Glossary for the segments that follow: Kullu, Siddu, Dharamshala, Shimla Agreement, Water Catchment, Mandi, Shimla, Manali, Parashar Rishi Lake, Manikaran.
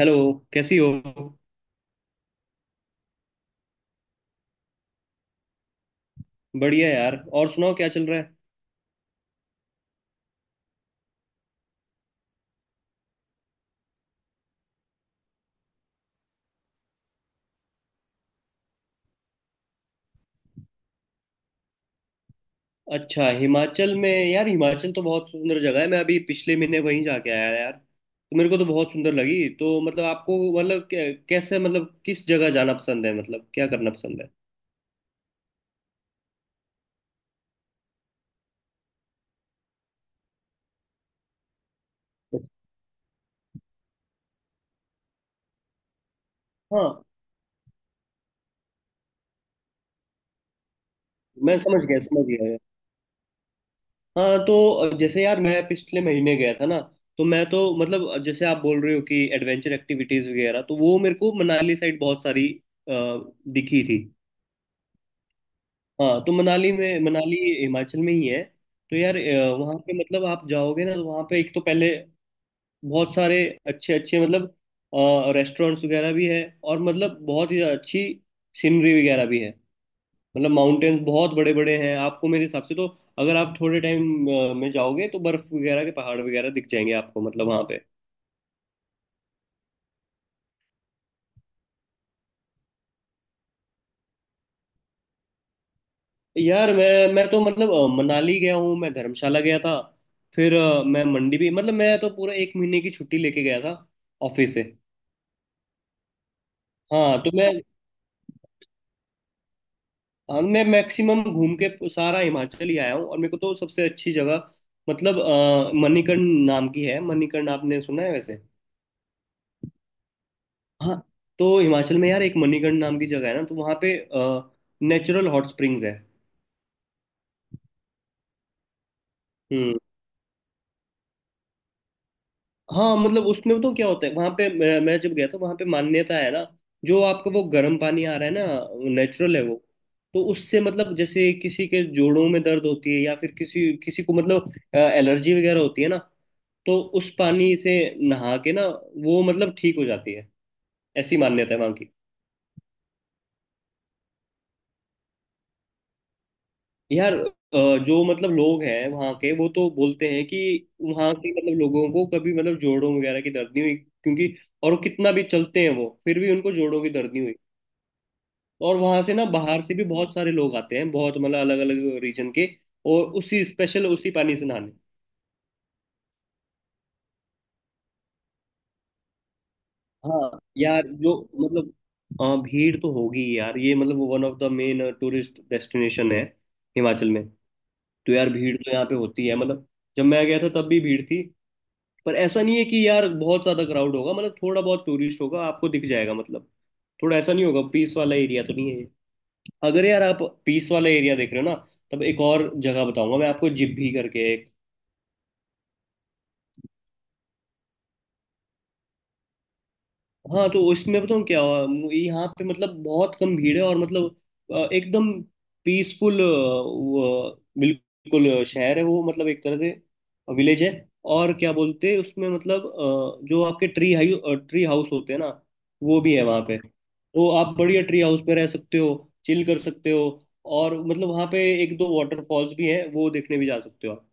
Hello. कैसी हो? बढ़िया यार। और सुनाओ, क्या चल रहा है? अच्छा, हिमाचल में? यार, हिमाचल तो बहुत सुंदर जगह है। मैं अभी पिछले महीने वहीं जाके आया यार, तो मेरे को तो बहुत सुंदर लगी। तो मतलब आपको मतलब कैसे, मतलब किस जगह जाना पसंद है, मतलब क्या करना पसंद है? हाँ। मैं समझ गया, समझ गया। हाँ, तो जैसे यार मैं पिछले महीने गया था ना, तो मैं तो मतलब जैसे आप बोल रहे हो कि एडवेंचर एक्टिविटीज वगैरह, तो वो मेरे को मनाली साइड बहुत सारी अ, दिखी थी। हाँ, तो मनाली में। मनाली हिमाचल में ही है। तो यार वहाँ पे मतलब आप जाओगे ना, तो वहाँ पे एक तो पहले बहुत सारे अच्छे अच्छे मतलब रेस्टोरेंट्स वगैरह भी है, और मतलब बहुत ही अच्छी सीनरी वगैरह भी है। मतलब माउंटेन्स बहुत बड़े बड़े हैं आपको मेरे हिसाब से तो। अगर आप थोड़े टाइम में जाओगे तो बर्फ वगैरह के पहाड़ वगैरह दिख जाएंगे आपको, मतलब वहाँ पे। यार मैं तो मतलब मनाली गया हूँ, मैं धर्मशाला गया था, फिर मैं मंडी भी, मतलब मैं तो पूरा एक महीने की छुट्टी लेके गया था ऑफिस से। हाँ। तो मैं हाँ, मैं मैक्सिमम घूम के सारा हिमाचल ही आया हूँ, और मेरे को तो सबसे अच्छी जगह मतलब मणिकर्ण नाम की है। मणिकर्ण आपने सुना है वैसे? हाँ, तो हिमाचल में यार एक मणिकर्ण नाम की जगह है ना, तो वहाँ पे नेचुरल हॉट स्प्रिंग्स है। हम्म। हाँ, मतलब उसमें बताऊँ क्या होता है वहां पे। मैं जब गया था वहां पे, मान्यता है ना। जो आपका वो गर्म पानी आ रहा है ना, नेचुरल है वो। तो उससे मतलब जैसे किसी के जोड़ों में दर्द होती है या फिर किसी किसी को मतलब एलर्जी वगैरह होती है ना, तो उस पानी से नहा के ना वो मतलब ठीक हो जाती है। ऐसी मान्यता है वहां की। यार जो मतलब लोग हैं वहां के, वो तो बोलते हैं कि वहां के मतलब लोगों को कभी मतलब जोड़ों वगैरह की दर्द नहीं हुई, क्योंकि और वो कितना भी चलते हैं वो फिर भी उनको जोड़ों की दर्द नहीं हुई। और वहां से ना बाहर से भी बहुत सारे लोग आते हैं, बहुत मतलब अलग अलग रीजन के, और उसी स्पेशल उसी पानी से नहाने। हाँ, यार जो मतलब हाँ, भीड़ तो होगी ही यार, ये मतलब one of the main tourist destination है हिमाचल में। तो यार भीड़ तो यहाँ पे होती है, मतलब जब मैं गया था तब भी भीड़ थी। पर ऐसा नहीं है कि यार बहुत ज्यादा क्राउड होगा, मतलब थोड़ा बहुत टूरिस्ट होगा आपको दिख जाएगा, मतलब थोड़ा ऐसा नहीं होगा, पीस वाला एरिया तो नहीं है ये। अगर यार आप पीस वाला एरिया देख रहे हो ना, तब एक और जगह बताऊंगा मैं आपको, जिब्भी करके। हाँ, तो इसमें बताऊँ क्या हुआ? यहाँ पे मतलब बहुत कम भीड़ है, और मतलब एकदम पीसफुल बिल्कुल, शहर है वो मतलब एक तरह से विलेज है। और क्या बोलते हैं उसमें, मतलब जो आपके ट्री हाउस होते हैं ना, वो भी है वहाँ पे। तो आप बढ़िया ट्री हाउस पे रह सकते हो, चिल कर सकते हो। और मतलब वहाँ पे एक दो वाटरफॉल्स भी हैं, वो देखने भी जा सकते हो आप।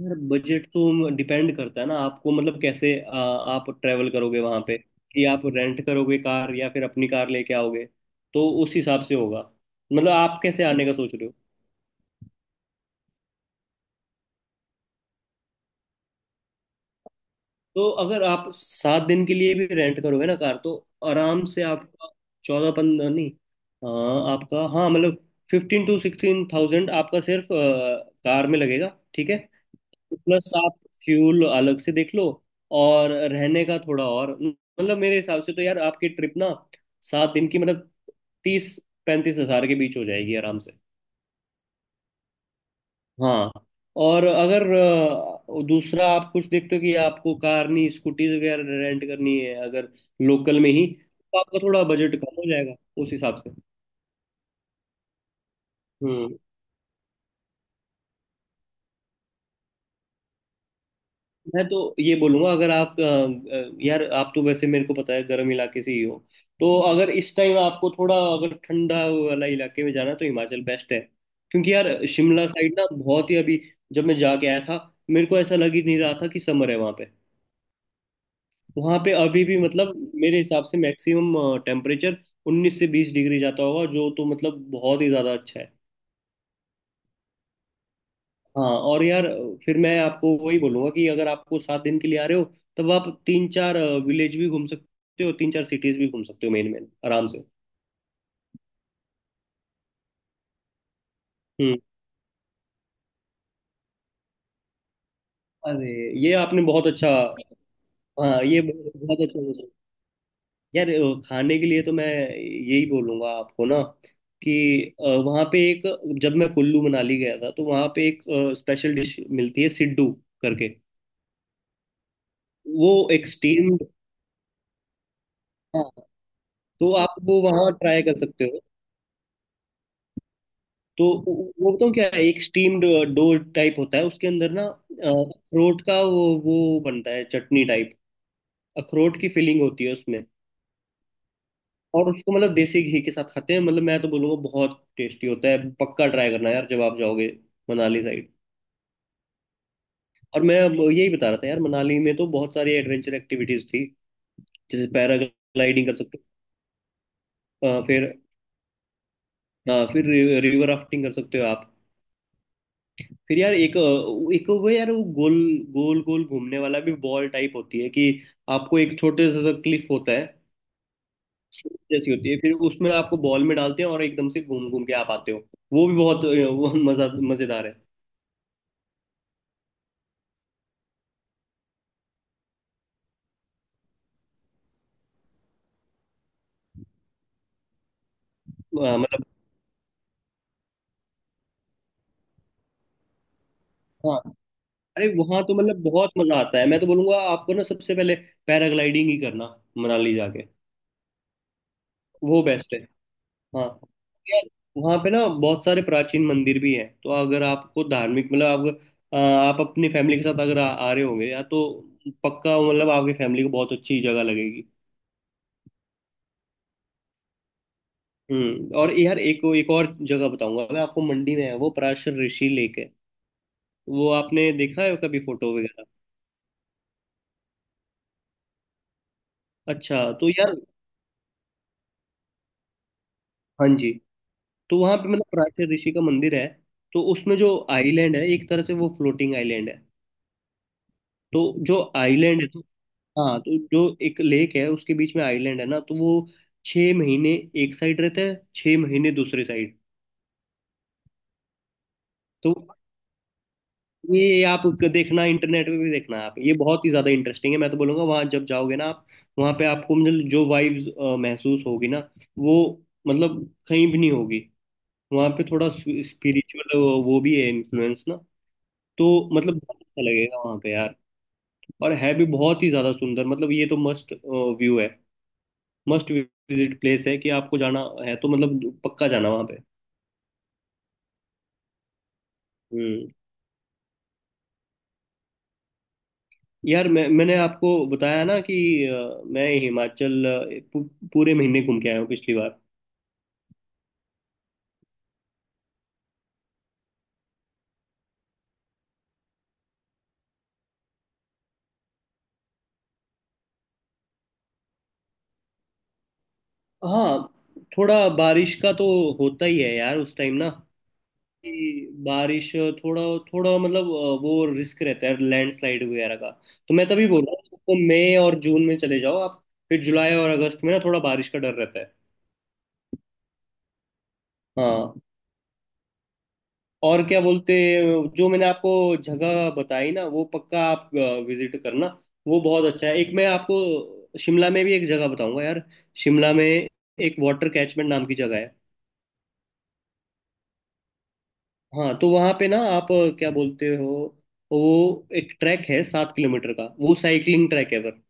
यार बजट तो डिपेंड करता है ना, आपको मतलब कैसे आप ट्रेवल करोगे वहां पे, कि आप रेंट करोगे कार या फिर अपनी कार लेके आओगे। तो उस हिसाब से होगा। मतलब आप कैसे आने का सोच रहे हो? तो अगर आप 7 दिन के लिए भी रेंट करोगे ना कार, तो आराम से आपका 14-15 — नहीं, हाँ, आपका, हाँ, मतलब 15,000-16,000 आपका सिर्फ कार में लगेगा, ठीक है। प्लस आप फ्यूल अलग से देख लो, और रहने का थोड़ा, और मतलब मेरे हिसाब से तो यार आपकी ट्रिप ना 7 दिन की मतलब 30-35 हज़ार के बीच हो जाएगी आराम से। हाँ। और अगर दूसरा आप कुछ देखते हो कि आपको कार नहीं स्कूटीज वगैरह रेंट करनी है, अगर लोकल में ही, तो आपका थोड़ा बजट कम हो जाएगा उस हिसाब से। हम्म। मैं तो ये बोलूंगा, अगर आप यार आप तो वैसे मेरे को पता है गर्म इलाके से ही हो, तो अगर इस टाइम आपको थोड़ा, अगर ठंडा वाला इलाके में जाना है, तो हिमाचल बेस्ट है। क्योंकि यार शिमला साइड ना बहुत ही — अभी जब मैं जाके आया था, मेरे को ऐसा लग ही नहीं रहा था कि समर है वहां पे। वहां पे अभी भी मतलब मेरे हिसाब से मैक्सिमम टेम्परेचर 19 से 20 डिग्री जाता होगा जो, तो मतलब बहुत ही ज्यादा अच्छा है। हाँ, और यार, फिर मैं आपको वही बोलूंगा, कि अगर आपको 7 दिन के लिए आ रहे हो, तब आप तीन चार विलेज भी घूम सकते हो, तीन चार सिटीज भी घूम सकते हो मेन मेन आराम से। हम्म अरे, ये आपने बहुत अच्छा — हाँ, ये बहुत बहुत अच्छा बोला। यार खाने के लिए तो मैं यही बोलूंगा आपको ना, कि वहाँ पे एक, जब मैं कुल्लू मनाली गया था तो वहाँ पे एक स्पेशल डिश मिलती है, सिड्डू करके। वो एक स्टीम्ड। हाँ, तो आप वो वहाँ ट्राई कर सकते हो। तो वो, बताऊँ क्या है? एक स्टीम्ड डो टाइप होता है, उसके अंदर ना अखरोट का वो बनता है चटनी टाइप, अखरोट की फीलिंग होती है उसमें। और उसको मतलब देसी घी के साथ खाते हैं, मतलब मैं तो बोलूँगा बहुत टेस्टी होता है, पक्का ट्राई करना यार जब आप जाओगे मनाली साइड। और मैं अब यही बता रहा था यार, मनाली में तो बहुत सारी एडवेंचर एक्टिविटीज थी। जैसे पैराग्लाइडिंग कर सकते हो, फिर रिवर राफ्टिंग कर सकते हो आप। फिर यार एक एक वो, यार वो गोल गोल गोल घूमने वाला भी बॉल टाइप होती है कि, आपको एक छोटे सा क्लिफ होता है जैसी होती है, फिर उसमें आपको बॉल में डालते हैं और एकदम से घूम घूम के आप आते हो। वो भी बहुत वो मजा मजेदार है। मतलब। हाँ, अरे वहां तो मतलब बहुत मजा आता है, मैं तो बोलूंगा आपको ना, सबसे पहले पैराग्लाइडिंग ही करना मनाली जाके। वो बेस्ट है। हाँ यार, वहाँ पे ना बहुत सारे प्राचीन मंदिर भी हैं। तो अगर आपको धार्मिक मतलब, आप आप अपनी फैमिली के साथ अगर आ रहे होंगे या तो, पक्का मतलब आपकी फैमिली को बहुत अच्छी जगह लगेगी। हम्म, और यार एक एक और जगह बताऊंगा मैं आपको, मंडी में है वो, पराशर ऋषि लेक है। वो आपने देखा है कभी फोटो वगैरह? अच्छा तो यार, हाँ जी, तो वहाँ पे मतलब पराशर ऋषि का मंदिर है। तो उसमें जो आइलैंड है एक तरह से, वो फ्लोटिंग आइलैंड है। तो जो आइलैंड है, तो हाँ, तो जो एक लेक है उसके बीच में आइलैंड है ना, तो वो 6 महीने एक साइड रहता है, 6 महीने दूसरे साइड। तो ये आप देखना, इंटरनेट पे भी देखना आप, ये बहुत ही ज़्यादा इंटरेस्टिंग है। मैं तो बोलूँगा वहाँ जब जाओगे ना आप, वहाँ पे आपको मतलब जो वाइब्स महसूस होगी ना, वो मतलब कहीं भी नहीं होगी। वहाँ पे थोड़ा स्पिरिचुअल वो भी है इन्फ्लुएंस ना। तो मतलब बहुत अच्छा लगेगा वहाँ पे यार, और है भी बहुत ही ज़्यादा सुंदर। मतलब ये तो मस्ट व्यू है, मस्ट विजिट प्लेस है, कि आपको जाना है तो मतलब पक्का जाना वहाँ पे। हम्म। यार, मैंने आपको बताया ना कि मैं हिमाचल पूरे महीने घूम के आया हूँ पिछली बार। हाँ, थोड़ा बारिश का तो होता ही है यार उस टाइम ना, कि बारिश थोड़ा थोड़ा मतलब, वो रिस्क रहता है लैंडस्लाइड वगैरह का। तो मैं तभी बोल रहा हूँ, तो मई और जून में चले जाओ आप। फिर जुलाई और अगस्त में ना थोड़ा बारिश का डर रहता है। हाँ। और क्या बोलते, जो मैंने आपको जगह बताई ना, वो पक्का आप विजिट करना, वो बहुत अच्छा है। एक मैं आपको शिमला में भी एक जगह बताऊंगा यार। शिमला में एक वाटर कैचमेंट नाम की जगह है। हाँ, तो वहाँ पे ना आप क्या बोलते हो, वो एक ट्रैक है 7 किलोमीटर का, वो साइकिलिंग ट्रैक है, पर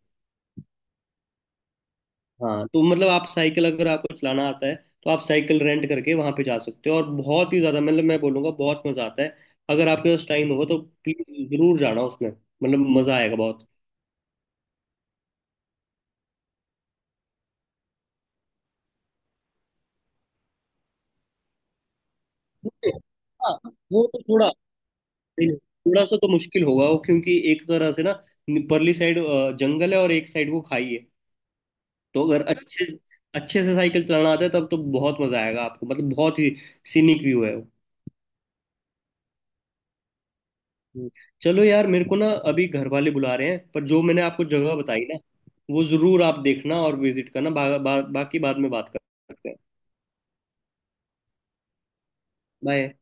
हाँ, तो मतलब आप साइकिल अगर आपको चलाना आता है, तो आप साइकिल रेंट करके वहाँ पे जा सकते हो, और बहुत ही ज़्यादा मतलब मैं बोलूँगा बहुत मज़ा आता है अगर आपके पास टाइम होगा तो। प्लीज़ ज़रूर जाना उसमें, मतलब मज़ा आएगा बहुत। हाँ, वो तो थोड़ा — नहीं, नहीं, थोड़ा सा तो मुश्किल होगा वो, क्योंकि एक तरह से ना, परली साइड जंगल है और एक साइड वो खाई है। तो अगर अच्छे अच्छे से साइकिल चलाना आता है तब तो बहुत मजा आएगा आपको, मतलब बहुत ही सीनिक व्यू है वो। हम्म। चलो यार, मेरे को ना अभी घर वाले बुला रहे हैं, पर जो मैंने आपको जगह बताई ना, वो जरूर आप देखना और विजिट करना, बा, बा, बाकी बाद में बात करते हैं। बाय।